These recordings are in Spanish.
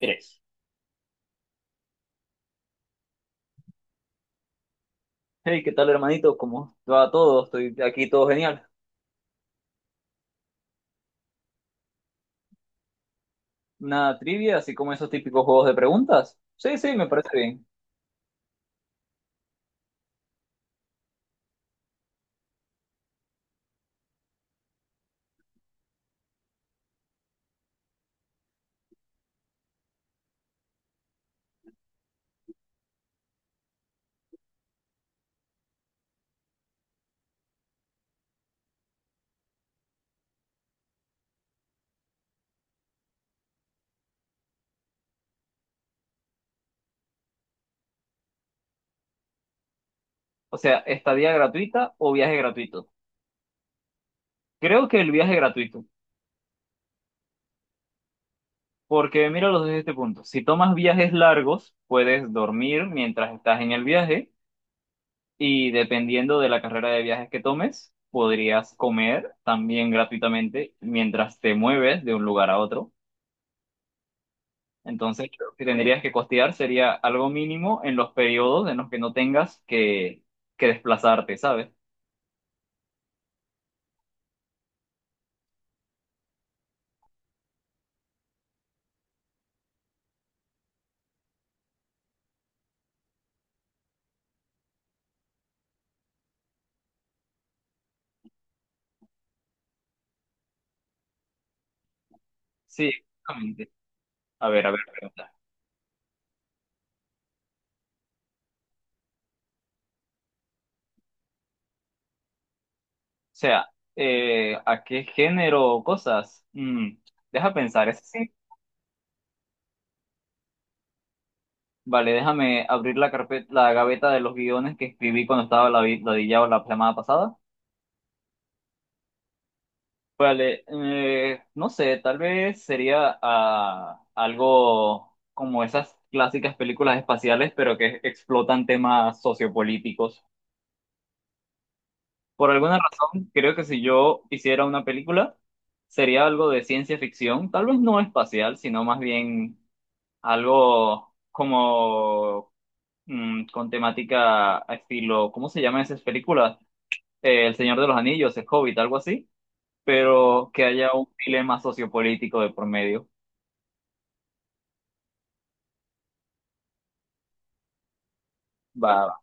Tres. Hey, ¿qué tal, hermanito? ¿Cómo va todo? Estoy aquí todo genial. Una trivia, así como esos típicos juegos de preguntas. Sí, sí, me parece bien. O sea, estadía gratuita o viaje gratuito. Creo que el viaje gratuito, porque míralos desde este punto. Si tomas viajes largos, puedes dormir mientras estás en el viaje y dependiendo de la carrera de viajes que tomes, podrías comer también gratuitamente mientras te mueves de un lugar a otro. Entonces, lo que tendrías que costear sería algo mínimo en los periodos en los que no tengas que desplazarte, ¿sabes? Sí, exactamente. A ver, pregunta. O sea, ¿a qué género o cosas? Deja pensar, ¿es así? Vale, déjame abrir la carpeta, la gaveta de los guiones que escribí cuando estaba ladillado la semana pasada. Vale, no sé, tal vez sería algo como esas clásicas películas espaciales, pero que explotan temas sociopolíticos. Por alguna razón, creo que si yo hiciera una película, sería algo de ciencia ficción, tal vez no espacial, sino más bien algo como con temática a estilo, ¿cómo se llaman esas películas? El Señor de los Anillos, El Hobbit, algo así, pero que haya un dilema sociopolítico de por medio. Va, va.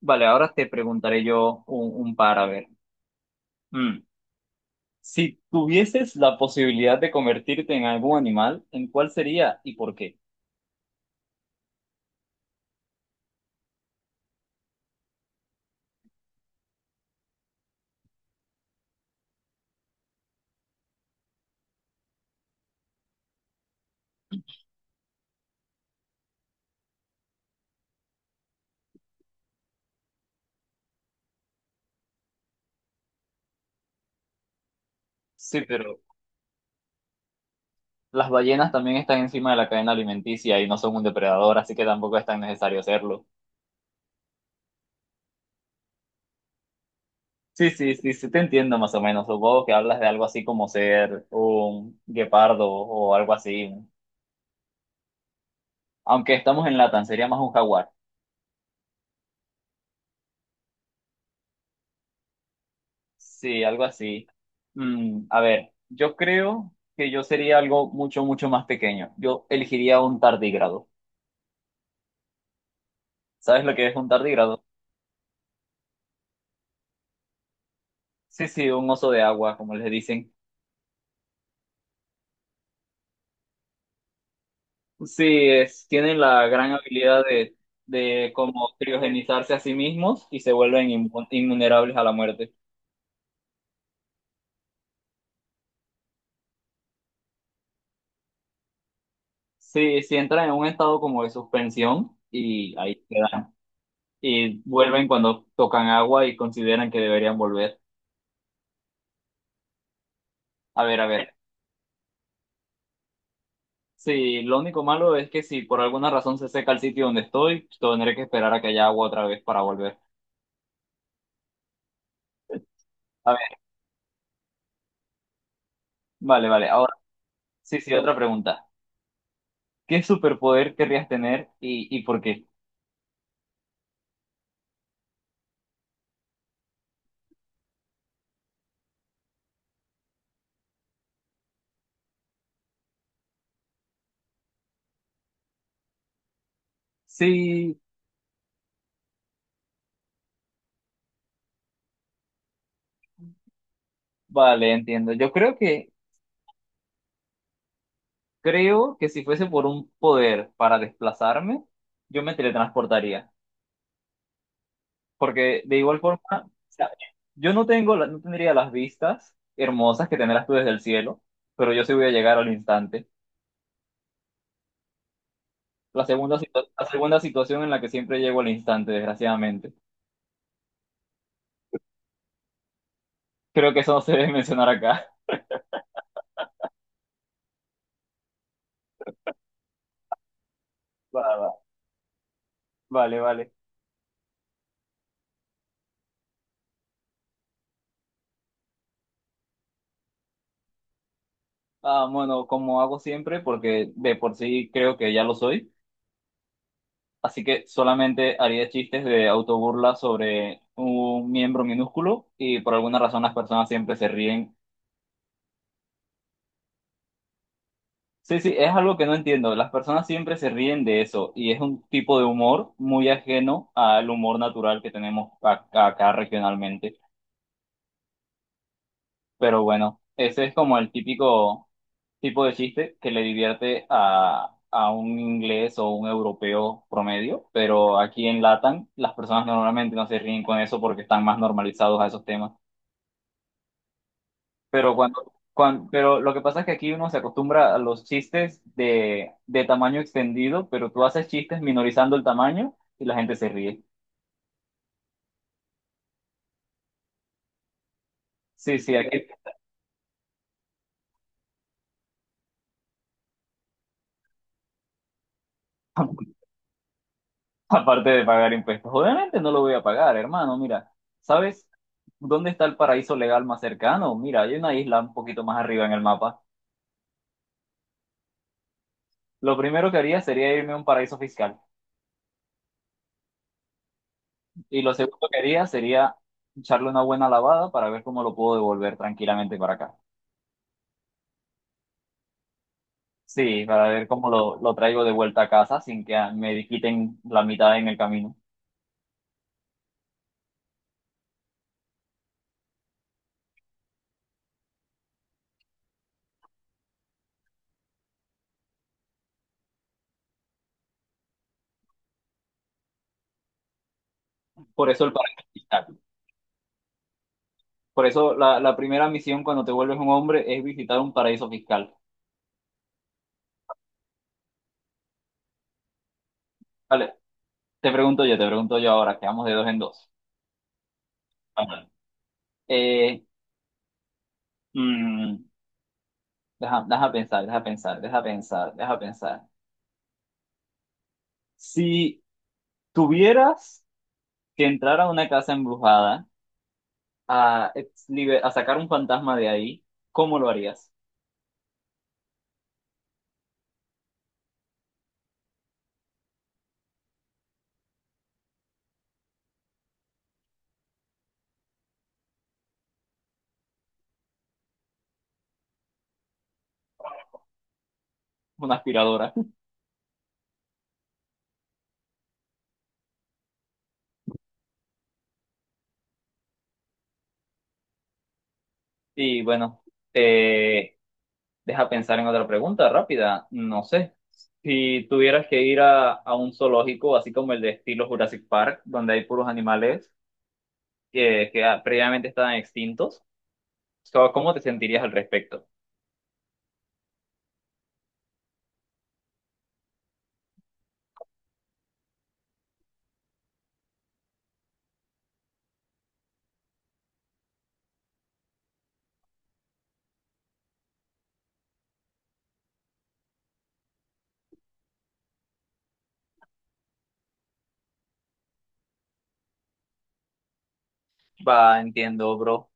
Vale, ahora te preguntaré yo un par, a ver. Mm. Si tuvieses la posibilidad de convertirte en algún animal, ¿en cuál sería y por qué? Sí, pero las ballenas también están encima de la cadena alimenticia y no son un depredador, así que tampoco es tan necesario hacerlo. Sí, sí, sí, sí, te entiendo más o menos. Supongo que hablas de algo así como ser un guepardo o algo así, ¿no? Aunque estamos en Latam, sería más un jaguar. Sí, algo así. A ver, yo creo que yo sería algo mucho, mucho más pequeño. Yo elegiría un tardígrado. ¿Sabes lo que es un tardígrado? Sí, sí, un oso de agua, como les dicen. Sí, tienen la gran habilidad de como criogenizarse a sí mismos y se vuelven invulnerables a la muerte. Sí, sí, entran en un estado como de suspensión y ahí quedan. Y vuelven cuando tocan agua y consideran que deberían volver. A ver, a ver. Sí, lo único malo es que si por alguna razón se seca el sitio donde estoy, tendré que esperar a que haya agua otra vez para volver. A ver, vale, vale. Ahora, sí, sí, otra pregunta. ¿Qué superpoder querrías tener y por qué? Sí, vale, entiendo. Creo que si fuese por un poder para desplazarme, yo me teletransportaría. Porque de igual forma, o sea, yo no tengo, la- no tendría las vistas hermosas que tendrás tú desde el cielo, pero yo sí voy a llegar al instante. La segunda situación en la que siempre llego al instante, desgraciadamente. Creo que eso no se debe mencionar acá. Va, va. Vale, vale. Bueno, como hago siempre, porque de por sí creo que ya lo soy, así que solamente haría chistes de autoburla sobre un miembro minúsculo y por alguna razón las personas siempre se ríen. Sí, sí, es algo que no entiendo. Las personas siempre se ríen de eso y es un tipo de humor muy ajeno al humor natural que tenemos acá regionalmente. Pero bueno, ese es como el típico tipo de chiste que le divierte a un inglés o un europeo promedio, pero aquí en Latam las personas normalmente no se ríen con eso porque están más normalizados a esos temas. Pero pero lo que pasa es que aquí uno se acostumbra a los chistes de tamaño extendido, pero tú haces chistes minorizando el tamaño y la gente se ríe. Sí, sí, aquí. Aparte de pagar impuestos, obviamente no lo voy a pagar, hermano. Mira, ¿sabes dónde está el paraíso legal más cercano? Mira, hay una isla un poquito más arriba en el mapa. Lo primero que haría sería irme a un paraíso fiscal. Y lo segundo que haría sería echarle una buena lavada para ver cómo lo puedo devolver tranquilamente para acá. Sí, para ver cómo lo traigo de vuelta a casa sin que me quiten la mitad en el camino. Por eso el paraíso fiscal. Por eso la primera misión cuando te vuelves un hombre es visitar un paraíso fiscal. Vale, te pregunto yo, te pregunto yo ahora, quedamos de dos en dos. Ajá. Eh, mm, deja pensar, Si tuvieras que entrar a una casa embrujada a sacar un fantasma de ahí, ¿cómo lo harías? Una aspiradora. Y bueno, eh, deja pensar en otra pregunta rápida. No sé. Si tuvieras que ir a un zoológico, así como el de estilo Jurassic Park, donde hay puros animales que previamente estaban extintos. So, ¿cómo te sentirías al respecto? Va, entiendo, bro.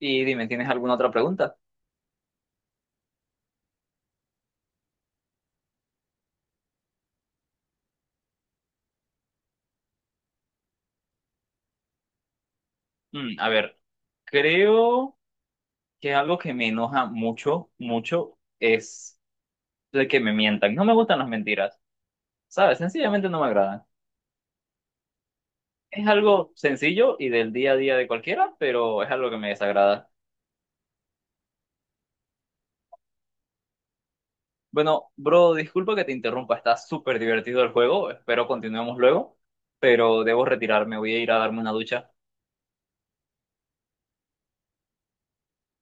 Y dime, ¿tienes alguna otra pregunta? A ver, creo que algo que me enoja mucho, mucho, es el que me mientan. No me gustan las mentiras, ¿sabes? Sencillamente no me agradan. Es algo sencillo y del día a día de cualquiera, pero es algo que me desagrada. Bueno, bro, disculpa que te interrumpa, está súper divertido el juego, espero continuemos luego, pero debo retirarme, voy a ir a darme una ducha.